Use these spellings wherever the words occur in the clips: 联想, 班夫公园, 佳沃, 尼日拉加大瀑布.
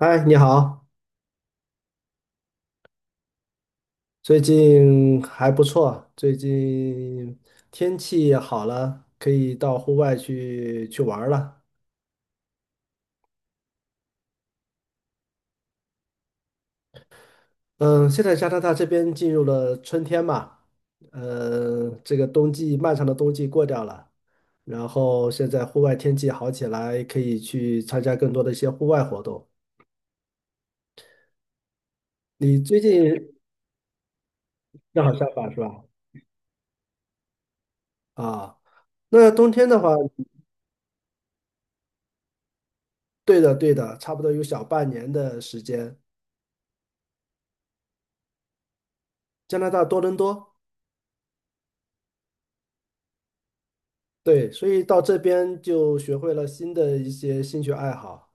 嗨，你好，最近还不错，最近天气好了，可以到户外去玩儿了。嗯，现在加拿大这边进入了春天嘛，这个冬季漫长的冬季过掉了，然后现在户外天气好起来，可以去参加更多的一些户外活动。你最近正好相反是吧？啊，那冬天的话，对的对的，差不多有小半年的时间，加拿大多伦多。对，所以到这边就学会了新的一些兴趣爱好。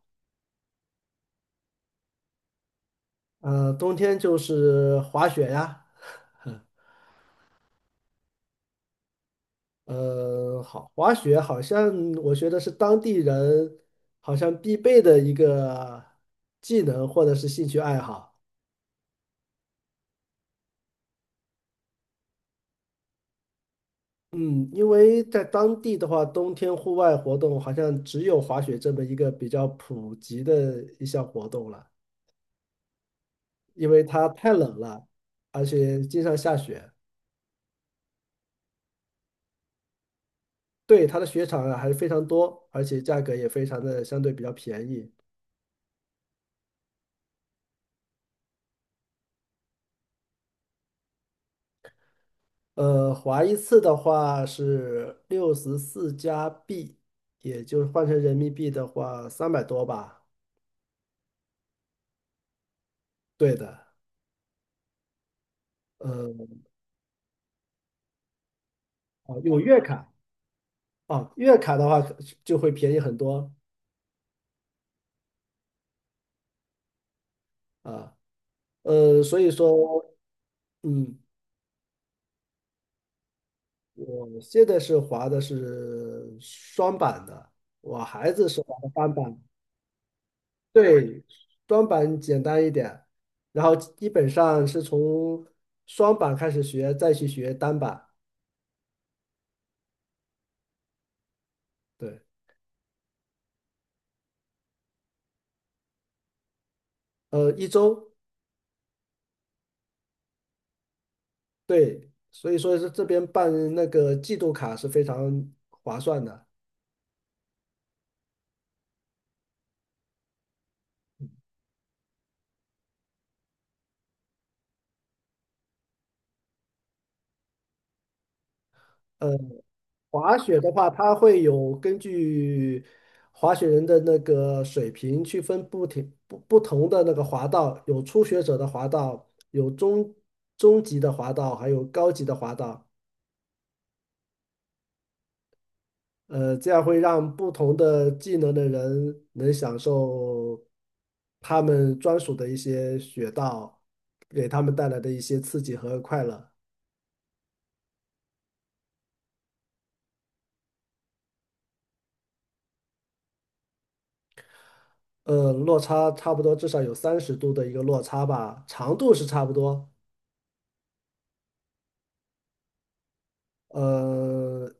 冬天就是滑雪呀。好，滑雪好像我觉得是当地人好像必备的一个技能或者是兴趣爱好。嗯，因为在当地的话，冬天户外活动好像只有滑雪这么一个比较普及的一项活动了，因为它太冷了，而且经常下雪。对，它的雪场啊还是非常多，而且价格也非常的相对比较便宜。滑一次的话是64加币，也就是换成人民币的话300多吧。对的。呃，哦有月卡，哦，月卡的话就会便宜很多啊。所以说，嗯，我现在是滑的是双板的，我孩子是滑的单板。对，双板简单一点，然后基本上是从双板开始学，再去学单板。对。一周。对，所以说是这边办那个季度卡是非常划算的。呃，滑雪的话，它会有根据滑雪人的那个水平去分不停不不同的那个滑道，有初学者的滑道，有中级的滑道，还有高级的滑道。这样会让不同的技能的人能享受他们专属的一些雪道，给他们带来的一些刺激和快乐。落差差不多至少有30度的一个落差吧，长度是差不多，呃，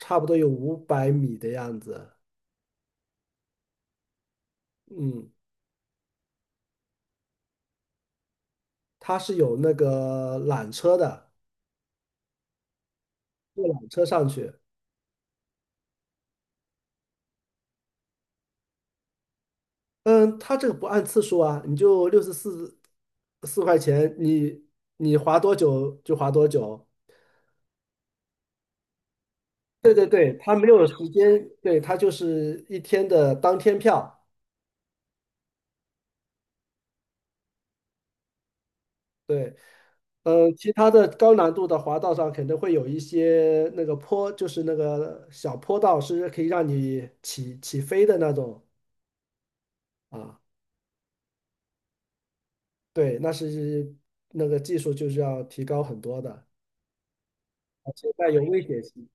差不多有500米的样子。嗯，它是有那个缆车的，坐缆车上去。嗯，它这个不按次数啊，你就六十四块钱，你划多久就划多久。对对对，它没有时间，对，它就是一天的当天票。对。其他的高难度的滑道上肯定会有一些那个坡，就是那个小坡道是可以让你起飞的那种啊。对，那是那个技术就是要提高很多的，现在有危险性，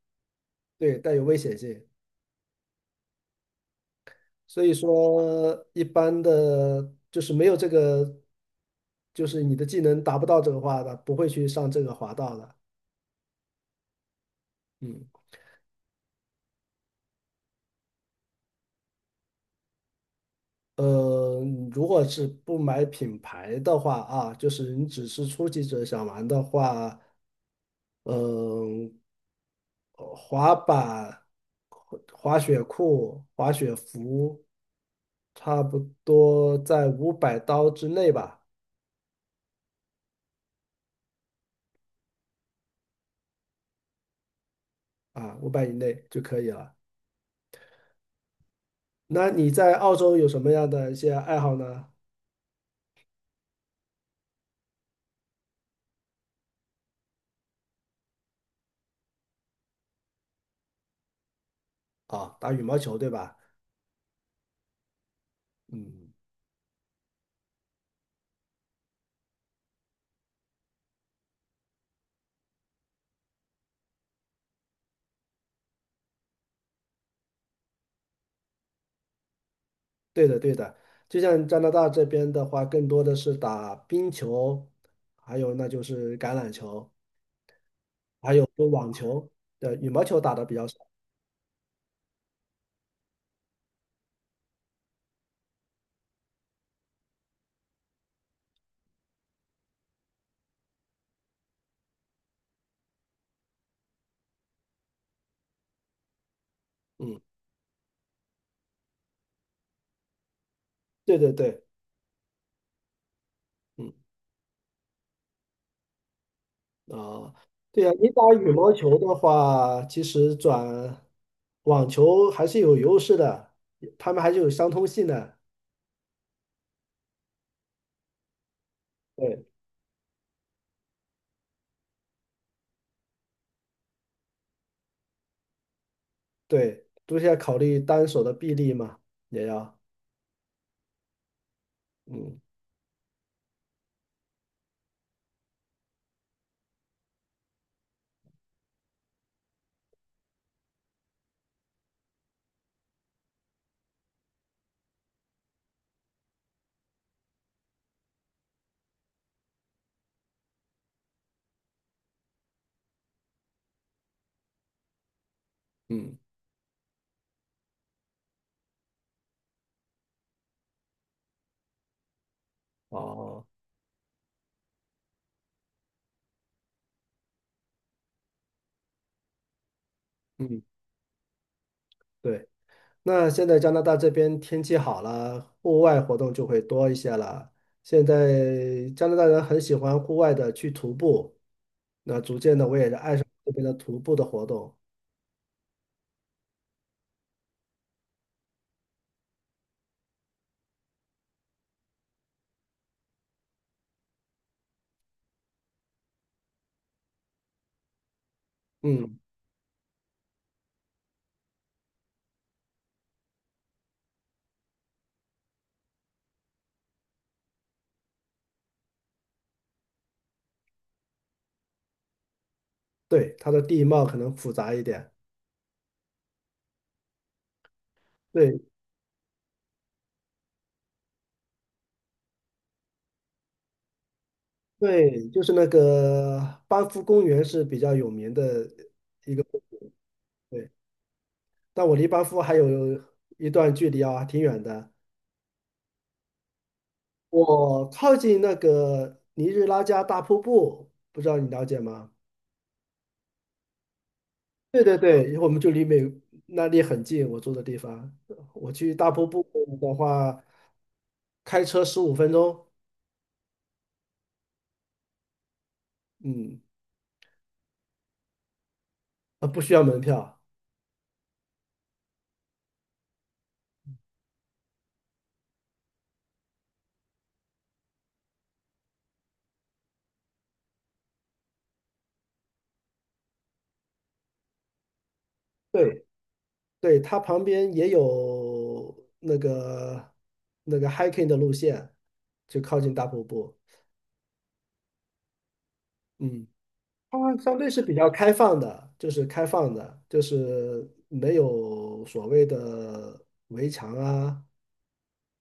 对，带有危险性。所以说一般的就是没有这个，就是你的技能达不到这个话的，不会去上这个滑道的。嗯。呃，如果是不买品牌的话啊，就是你只是初级者想玩的话，嗯、滑板、滑雪裤、滑雪服，差不多在500刀之内吧。啊，五百以内就可以了。那你在澳洲有什么样的一些爱好呢？啊，打羽毛球对吧？嗯，对的对的，就像加拿大这边的话，更多的是打冰球，还有那就是橄榄球，还有就网球。对，羽毛球打的比较少。嗯，对对对，嗯啊，对呀，你打羽毛球的话，其实转网球还是有优势的，他们还是有相通性的。对对，都是要考虑单手的臂力嘛，也要，嗯嗯，哦，嗯。对。那现在加拿大这边天气好了，户外活动就会多一些了。现在加拿大人很喜欢户外的去徒步，那逐渐的我也是爱上这边的徒步的活动。嗯，对，它的地貌可能复杂一点。对对，就是那个班夫公园是比较有名的一个。对，但我离班夫还有一段距离啊，挺远的。我靠近那个尼日拉加大瀑布，不知道你了解吗？对对对，我们就离美那里很近，我住的地方，我去大瀑布的话，开车15分钟。嗯，对对，它旁边也有那个hiking 的路线，就靠近大瀑布。嗯，它相对是比较开放的，就是开放的，就是没有所谓的围墙啊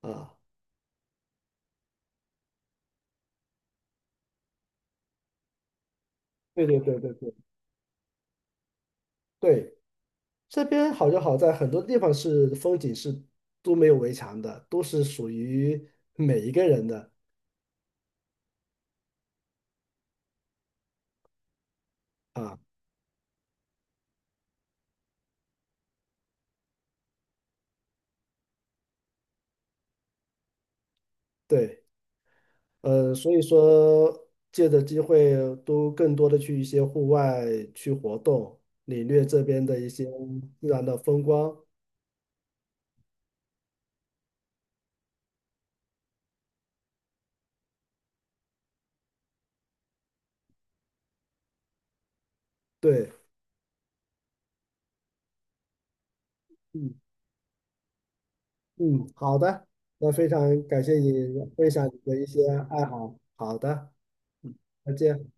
啊。对对对对对对，这边好就好在很多地方是风景是都没有围墙的，都是属于每一个人的啊。对。所以说借着机会都更多的去一些户外去活动，领略这边的一些自然的风光。对。嗯嗯，好的，那非常感谢你分享你的一些爱好。好的，嗯，再见。